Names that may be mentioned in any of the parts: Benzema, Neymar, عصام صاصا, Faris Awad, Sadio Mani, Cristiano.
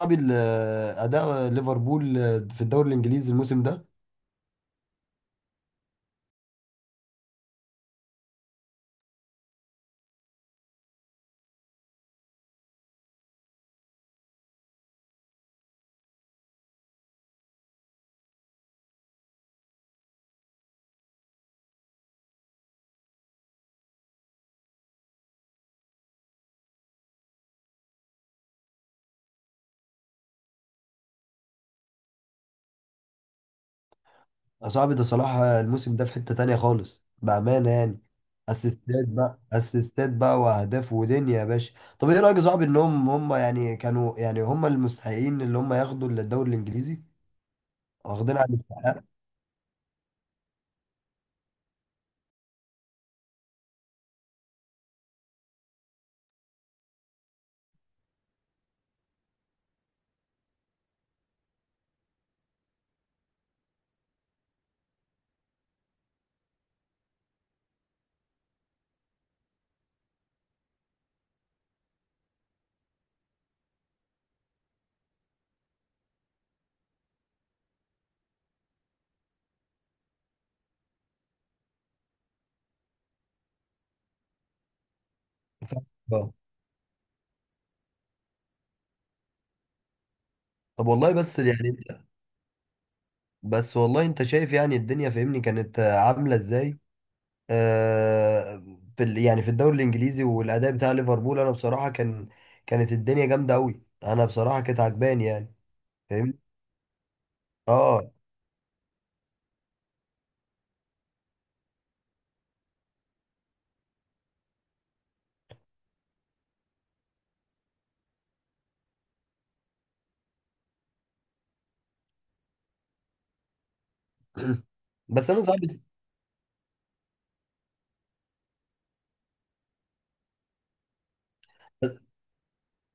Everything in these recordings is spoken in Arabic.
صعب اداء ليفربول في الدوري الانجليزي الموسم ده. صعب، ده صلاح الموسم ده في حتة تانية خالص بأمانة يعني. اسيستات بقى، اسيستات بقى، واهداف ودنيا يا باشا. طب ايه رأيك يا صاحبي ان هم يعني كانوا، يعني هم المستحقين اللي هم ياخدوا الدوري الانجليزي؟ واخدين على الاستحقاق. آه. طب والله، بس والله انت شايف يعني الدنيا فاهمني كانت عاملة ازاي؟ آه، في يعني في الدوري الانجليزي والاداء بتاع ليفربول، انا بصراحه كانت الدنيا جامده قوي، انا بصراحه كانت عجباني يعني، فاهمني. اه. بس انا صعب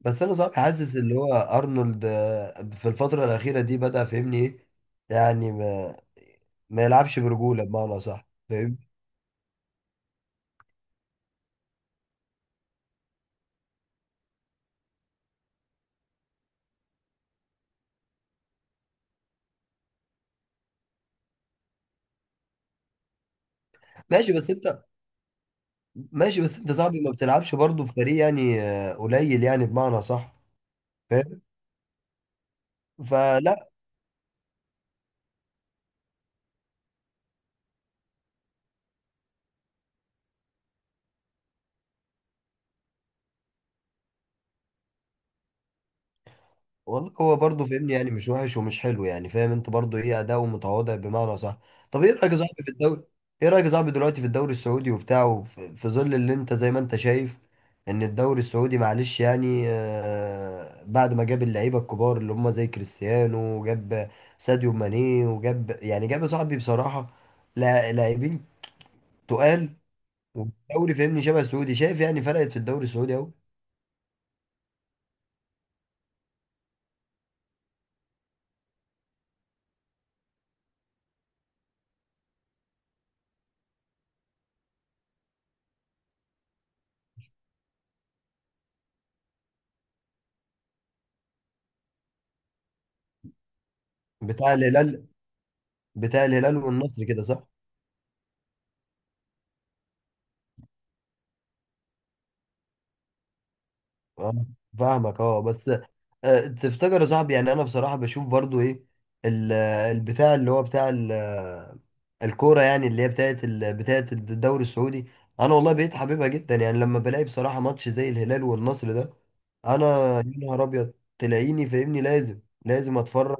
بس انا صعب حاسس اللي هو ارنولد، في الفتره الاخيره دي بدا فاهمني ايه؟ يعني ما يلعبش برجوله بمعنى صح، فاهم؟ ماشي بس انت ماشي بس انت صعب ما بتلعبش برضه في فريق يعني، قليل يعني، بمعنى صح، فاهم؟ فلا، والله هو برضه فاهمني، يعني مش وحش ومش حلو يعني، فاهم انت، برضه ايه، اداؤه متواضع بمعنى صح. طب ايه رايك يا صاحبي في الدوري ايه رايك يا صاحبي دلوقتي في الدوري السعودي وبتاعه، في ظل اللي انت زي ما انت شايف، ان الدوري السعودي معلش يعني، بعد ما جاب اللعيبه الكبار اللي هم زي كريستيانو، وجاب ساديو ماني، وجاب يعني جاب يا صاحبي بصراحه لاعبين تقال. والدوري فاهمني شبه السعودي، شايف يعني، فرقت في الدوري السعودي اهو. بتاع الهلال بتاع الهلال والنصر كده صح؟ اه، فاهمك، اه بس تفتكر يا صاحبي، يعني انا بصراحه بشوف برضو ايه، ال- البتاع اللي هو بتاع الكوره، يعني اللي هي بتاعت بتاعت الدوري السعودي؟ انا والله بقيت حاببها جدا يعني، لما بلاقي بصراحه ماتش زي الهلال والنصر ده، انا يا نهار ابيض تلاقيني فاهمني، لازم، لازم اتفرج.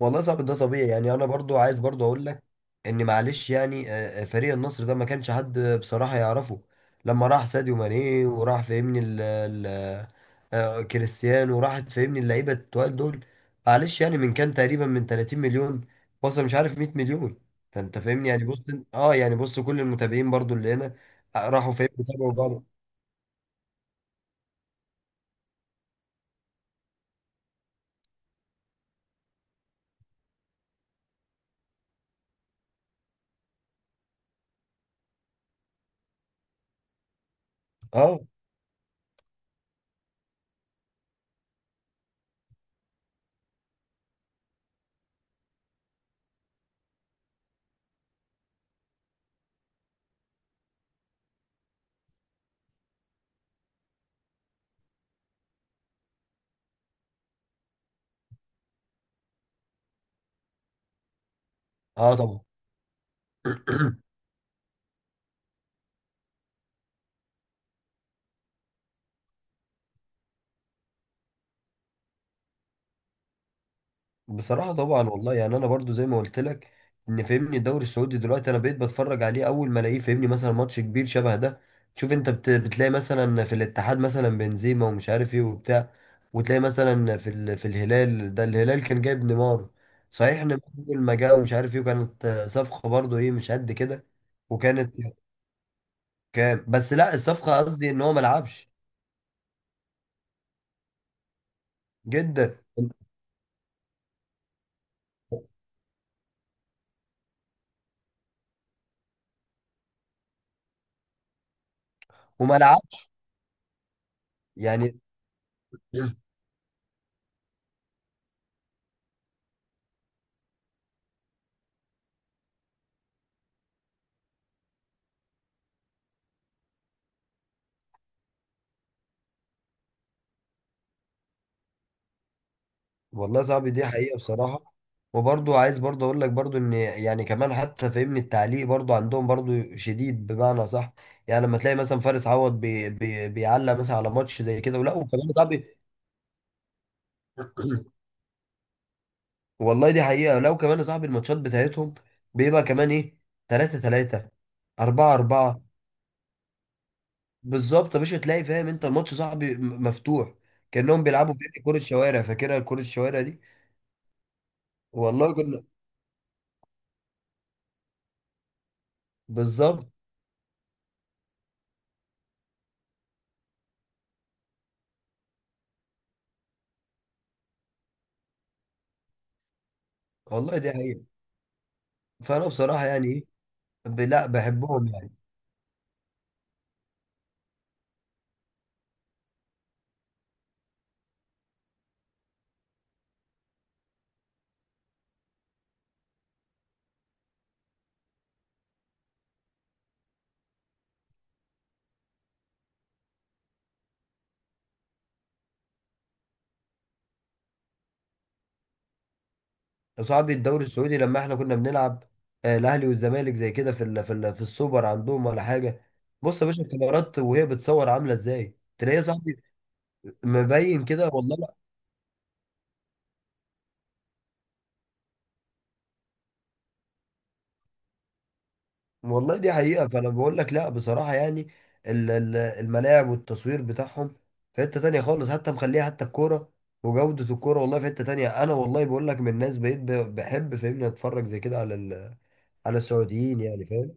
والله صعب ده طبيعي يعني، انا برضو عايز برضو اقول لك ان معلش يعني فريق النصر ده ما كانش حد بصراحة يعرفه. لما راح ساديو ماني وراح فاهمني ال ال كريستيانو، وراحت فاهمني اللعيبة التقال دول، معلش يعني من كان تقريبا من 30 مليون وصل مش عارف 100 مليون. فانت فاهمني يعني، بص اه يعني بص كل المتابعين برضو اللي هنا راحوا فاهمني تابعوا بعض. اه، اه طبعا. بصراحة طبعا والله، يعني انا برضو زي ما قلت لك، ان فاهمني الدوري السعودي دلوقتي انا بقيت بتفرج عليه اول ما الاقيه فاهمني مثلا ماتش كبير شبه ده. شوف انت بتلاقي مثلا في الاتحاد مثلا بنزيما ومش عارف ايه وبتاع، وتلاقي مثلا في في الهلال، ده الهلال كان جايب نيمار. صحيح ان اول ما جه ومش عارف ايه، وكانت صفقة برضو ايه مش قد كده. وكانت كام، بس لا، الصفقة قصدي ان هو ما لعبش جدا، وما لعبش يعني. والله صعب دي حقيقة بصراحة. وبرضو عايز برضو اقول لك برضو ان يعني كمان، حتى فاهمني التعليق برضو عندهم برضو شديد بمعنى صح. يعني لما تلاقي مثلا فارس عوض بي بي بيعلق مثلا على ماتش زي كده، ولا وكمان يا صاحبي. والله دي حقيقة، لو كمان يا صاحبي الماتشات بتاعتهم بيبقى كمان ايه، 3-3، 4-4. بالظبط يا باشا، تلاقي فاهم انت الماتش صاحبي مفتوح، كأنهم بيلعبوا في كرة شوارع، فاكرها كرة الشوارع دي. والله كنا، بالظبط، والله دي حقيقة. فانا بصراحه يعني إيه، لا بحبهم يعني. صاحبي الدوري السعودي لما احنا كنا بنلعب، الاهلي والزمالك زي كده، في السوبر عندهم ولا حاجه. بص يا باشا الكاميرات وهي بتصور عامله ازاي، تلاقي يا صاحبي مبين كده، والله لا. والله دي حقيقه، فانا بقول لك لا بصراحه يعني، الملاعب والتصوير بتاعهم في حته تانية خالص، حتى مخليها حتى الكوره وجوده الكوره والله في حته تانية. انا والله بقول لك، من الناس بقيت بحب فاهمني اتفرج زي كده على على السعوديين يعني، فاهم.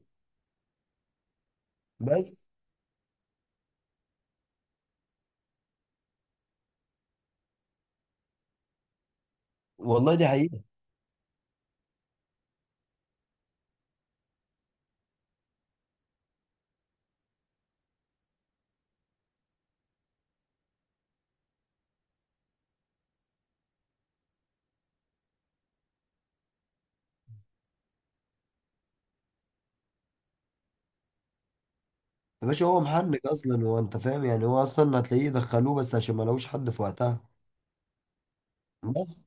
بس والله دي حقيقه يا باشا، هو محنك اصلا هو، انت فاهم يعني، هو اصلا هتلاقيه دخلوه بس عشان ما لقوش حد في وقتها. بس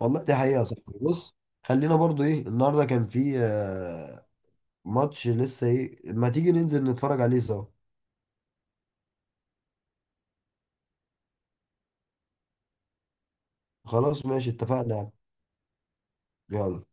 والله دي حقيقه يا صاحبي، بص، خلينا برضو ايه، النهارده كان في ماتش لسه ايه، ما تيجي ننزل نتفرج عليه سوا. خلاص ماشي، اتفقنا يعني. يلا.